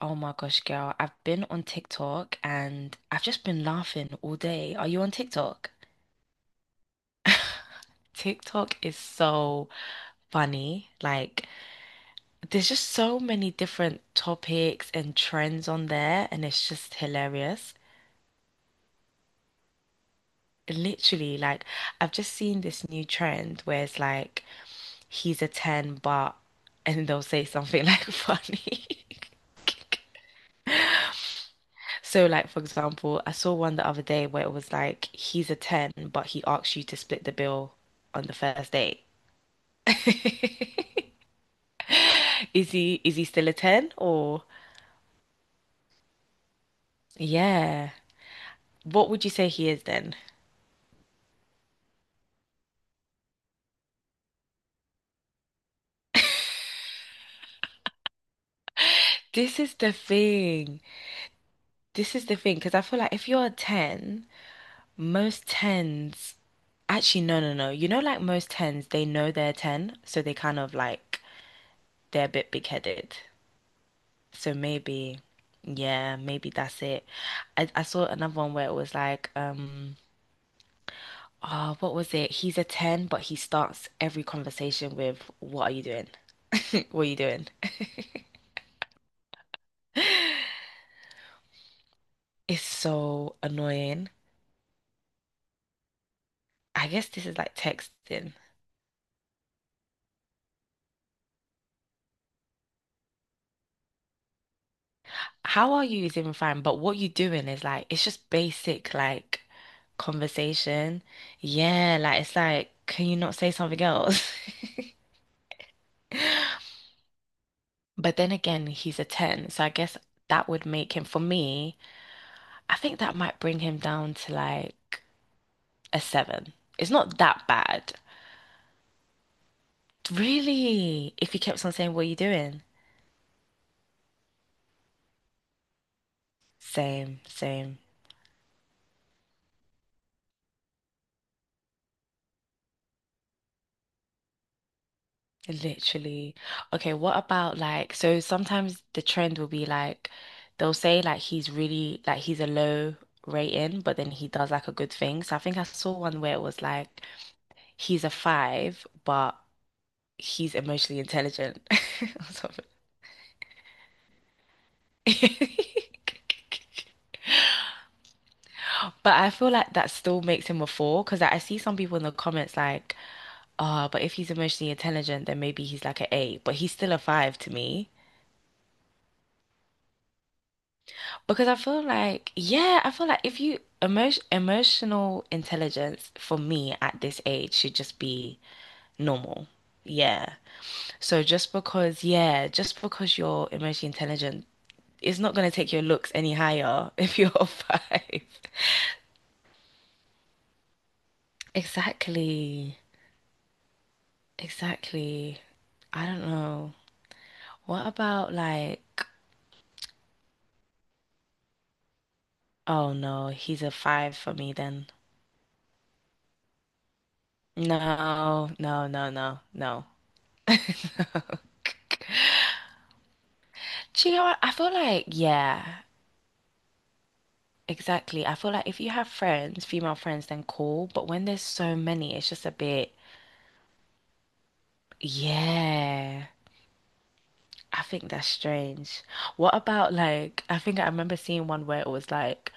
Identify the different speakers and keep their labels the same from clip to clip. Speaker 1: Oh my gosh, girl. I've been on TikTok and I've just been laughing all day. Are you on TikTok? TikTok is so funny. Like, there's just so many different topics and trends on there, and it's just hilarious. Literally, like, I've just seen this new trend where it's like, he's a 10, but, and they'll say something like funny. So, like, for example, I saw one the other day where it was like, he's a 10, but he asks you to split the bill on the first date. Is he still a 10 or? Yeah. What would you say he is then? This is the thing. This is the thing, because I feel like if you're a 10, most 10s actually, no, no, no. You know, like most 10s, they know they're 10, so they kind of like they're a bit big-headed. So maybe, yeah, maybe that's it. I saw another one where it was like, oh, what was it? He's a 10, but he starts every conversation with, "What are you doing?" What are you doing? It's so annoying. I guess this is like texting. How are you is even fine, but what you doing is like, it's just basic like conversation. Yeah, like it's like, can you not say something else? But then again, he's a 10, so I guess that would make him, for me, I think that might bring him down to like a seven. It's not that bad. Really? If he kept on saying, "What are you doing?" Same, same. Literally. Okay, what about like, so sometimes the trend will be like, they'll say like he's really, like he's a low rating, but then he does like a good thing. So I think I saw one where it was like, he's a five, but he's emotionally intelligent or something. But I feel like that still makes him a four because like, I see some people in the comments like, ah, but if he's emotionally intelligent, then maybe he's like an eight, but he's still a five to me. Because I feel like, yeah, I feel like if you emotional intelligence for me at this age should just be normal. Yeah. So just because, yeah, just because you're emotionally intelligent, it's not going to take your looks any higher if you're a five. Exactly. Exactly. I don't know. What about like, oh no, he's a five for me then. No, no, no, no, no. No. Do you know what? I feel like, yeah, exactly. I feel like if you have friends, female friends, then cool. But when there's so many, it's just a bit, yeah. I think that's strange. What about like, I think I remember seeing one where it was like,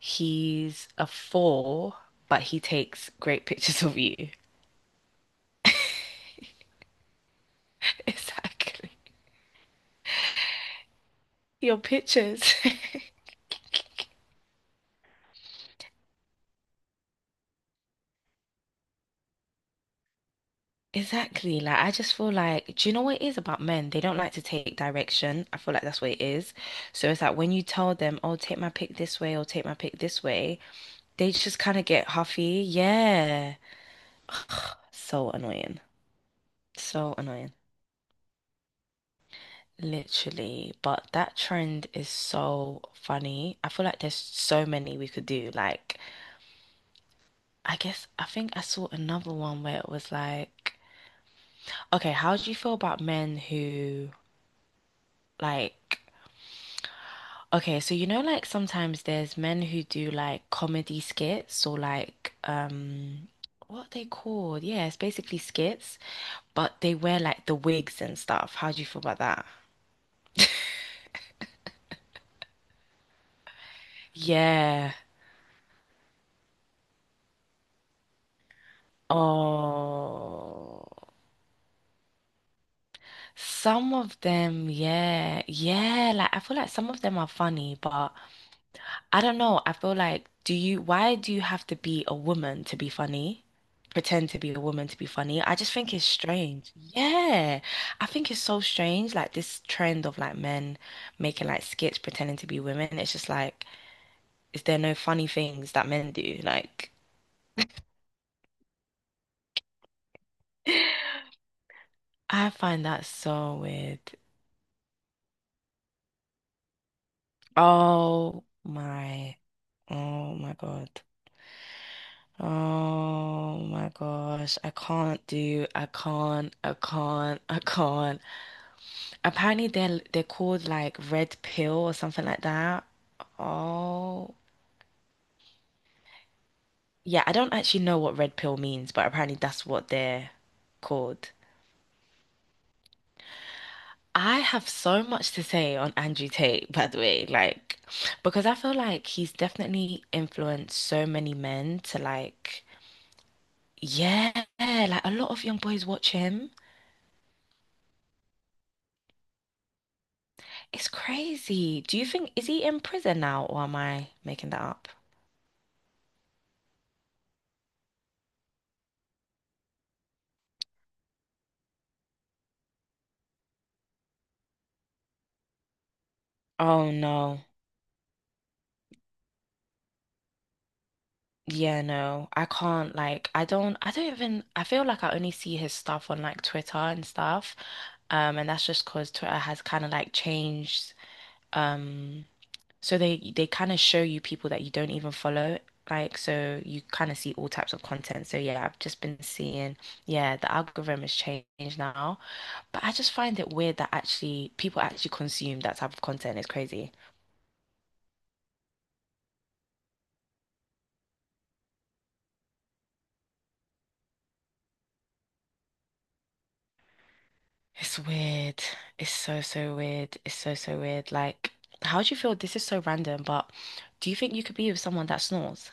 Speaker 1: he's a four, but he takes great pictures of you. Exactly. Your pictures. Exactly. Like, I just feel like, do you know what it is about men? They don't like to take direction. I feel like that's what it is. So it's like when you tell them, oh, take my pick this way or take my pick this way, they just kind of get huffy. Yeah. So annoying. So annoying. Literally. But that trend is so funny. I feel like there's so many we could do. Like, I guess, I think I saw another one where it was like, okay, how do you feel about men who, like, okay, so you know, like sometimes there's men who do like comedy skits or like what are they called? Yeah, it's basically skits, but they wear like the wigs and stuff. How do you feel about that? Yeah. Oh, some of them, yeah, yeah. Like I feel like some of them are funny, but I don't know. I feel like, why do you have to be a woman to be funny? Pretend to be a woman to be funny. I just think it's strange. Yeah. I think it's so strange. Like this trend of like men making like skits pretending to be women. It's just like, is there no funny things that men do? Like, I find that so weird. Oh my, oh my God. Oh my gosh. I can't, I can't, I can't. Apparently they're called like red pill or something like that. Oh, yeah, I don't actually know what red pill means, but apparently that's what they're called. I have so much to say on Andrew Tate, by the way, like because I feel like he's definitely influenced so many men to, like, yeah, like a lot of young boys watch him. It's crazy. Do you think, is he in prison now, or am I making that up? Oh no. Yeah, no, I can't, like I don't even, I feel like I only see his stuff on like Twitter and stuff. And that's just 'cause Twitter has kind of like changed, um so they kind of show you people that you don't even follow, like, so you kind of see all types of content. So yeah, I've just been seeing, yeah, the algorithm has changed now, but I just find it weird that actually people actually consume that type of content. It's crazy. It's weird. It's so, so weird. It's so, so weird. Like, how do you feel? This is so random, but do you think you could be with someone that snores?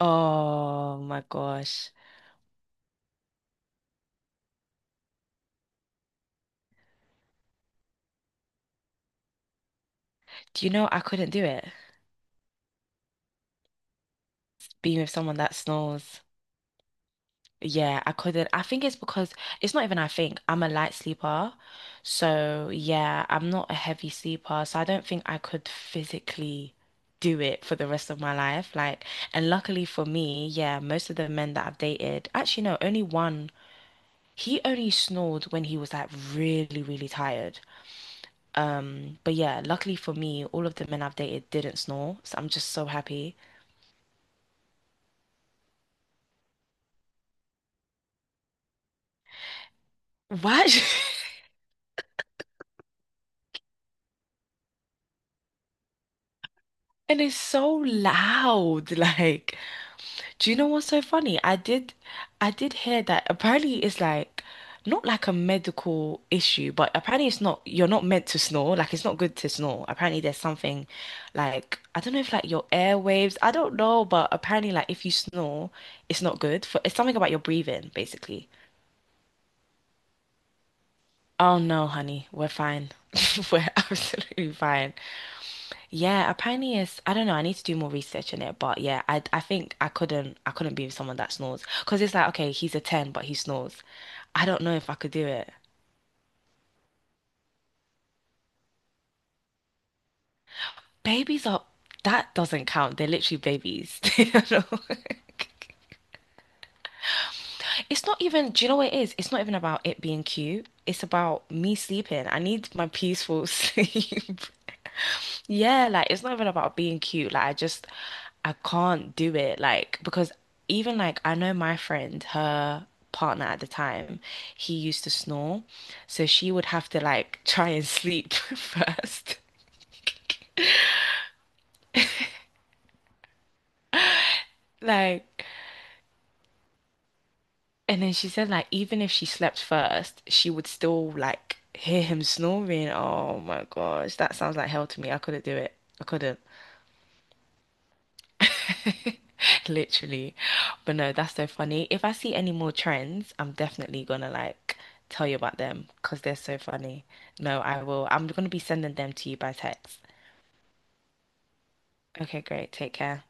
Speaker 1: Oh my gosh. Do you know I couldn't do it? Being with someone that snores. Yeah, I couldn't. I think it's because, it's not even I think, I'm a light sleeper. So, yeah, I'm not a heavy sleeper. So, I don't think I could physically do it for the rest of my life. Like, and luckily for me, yeah, most of the men that I've dated, actually, no, only one. He only snored when he was like really, really tired. But yeah, luckily for me, all of the men I've dated didn't snore, so I'm just so happy. What? And it's so loud, like. Do you know what's so funny? I did hear that apparently it's like not like a medical issue, but apparently it's not. You're not meant to snore. Like it's not good to snore. Apparently there's something, like I don't know if like your airwaves. I don't know, but apparently like if you snore, it's not good for. It's something about your breathing, basically. Oh no, honey, we're fine. We're absolutely fine. Yeah, apparently it's, I don't know, I need to do more research on it, but yeah, I think I couldn't be with someone that snores because it's like, okay, he's a 10 but he snores. I don't know if I could do it. Babies are, that doesn't count. They're literally babies. I don't know. It's not even, do you know what it is? It's not even about it being cute. It's about me sleeping. I need my peaceful sleep. Yeah, like it's not even about being cute. Like I can't do it. Like, because even like I know, my friend, her partner at the time, he used to snore. So she would have to like try and sleep first. Like, and then she said like even if she slept first, she would still like hear him snoring. Oh my gosh, that sounds like hell to me. I couldn't do it. I couldn't. Literally. But no, that's so funny. If I see any more trends, I'm definitely gonna like tell you about them because they're so funny. No, I will. I'm gonna be sending them to you by text. Okay, great. Take care.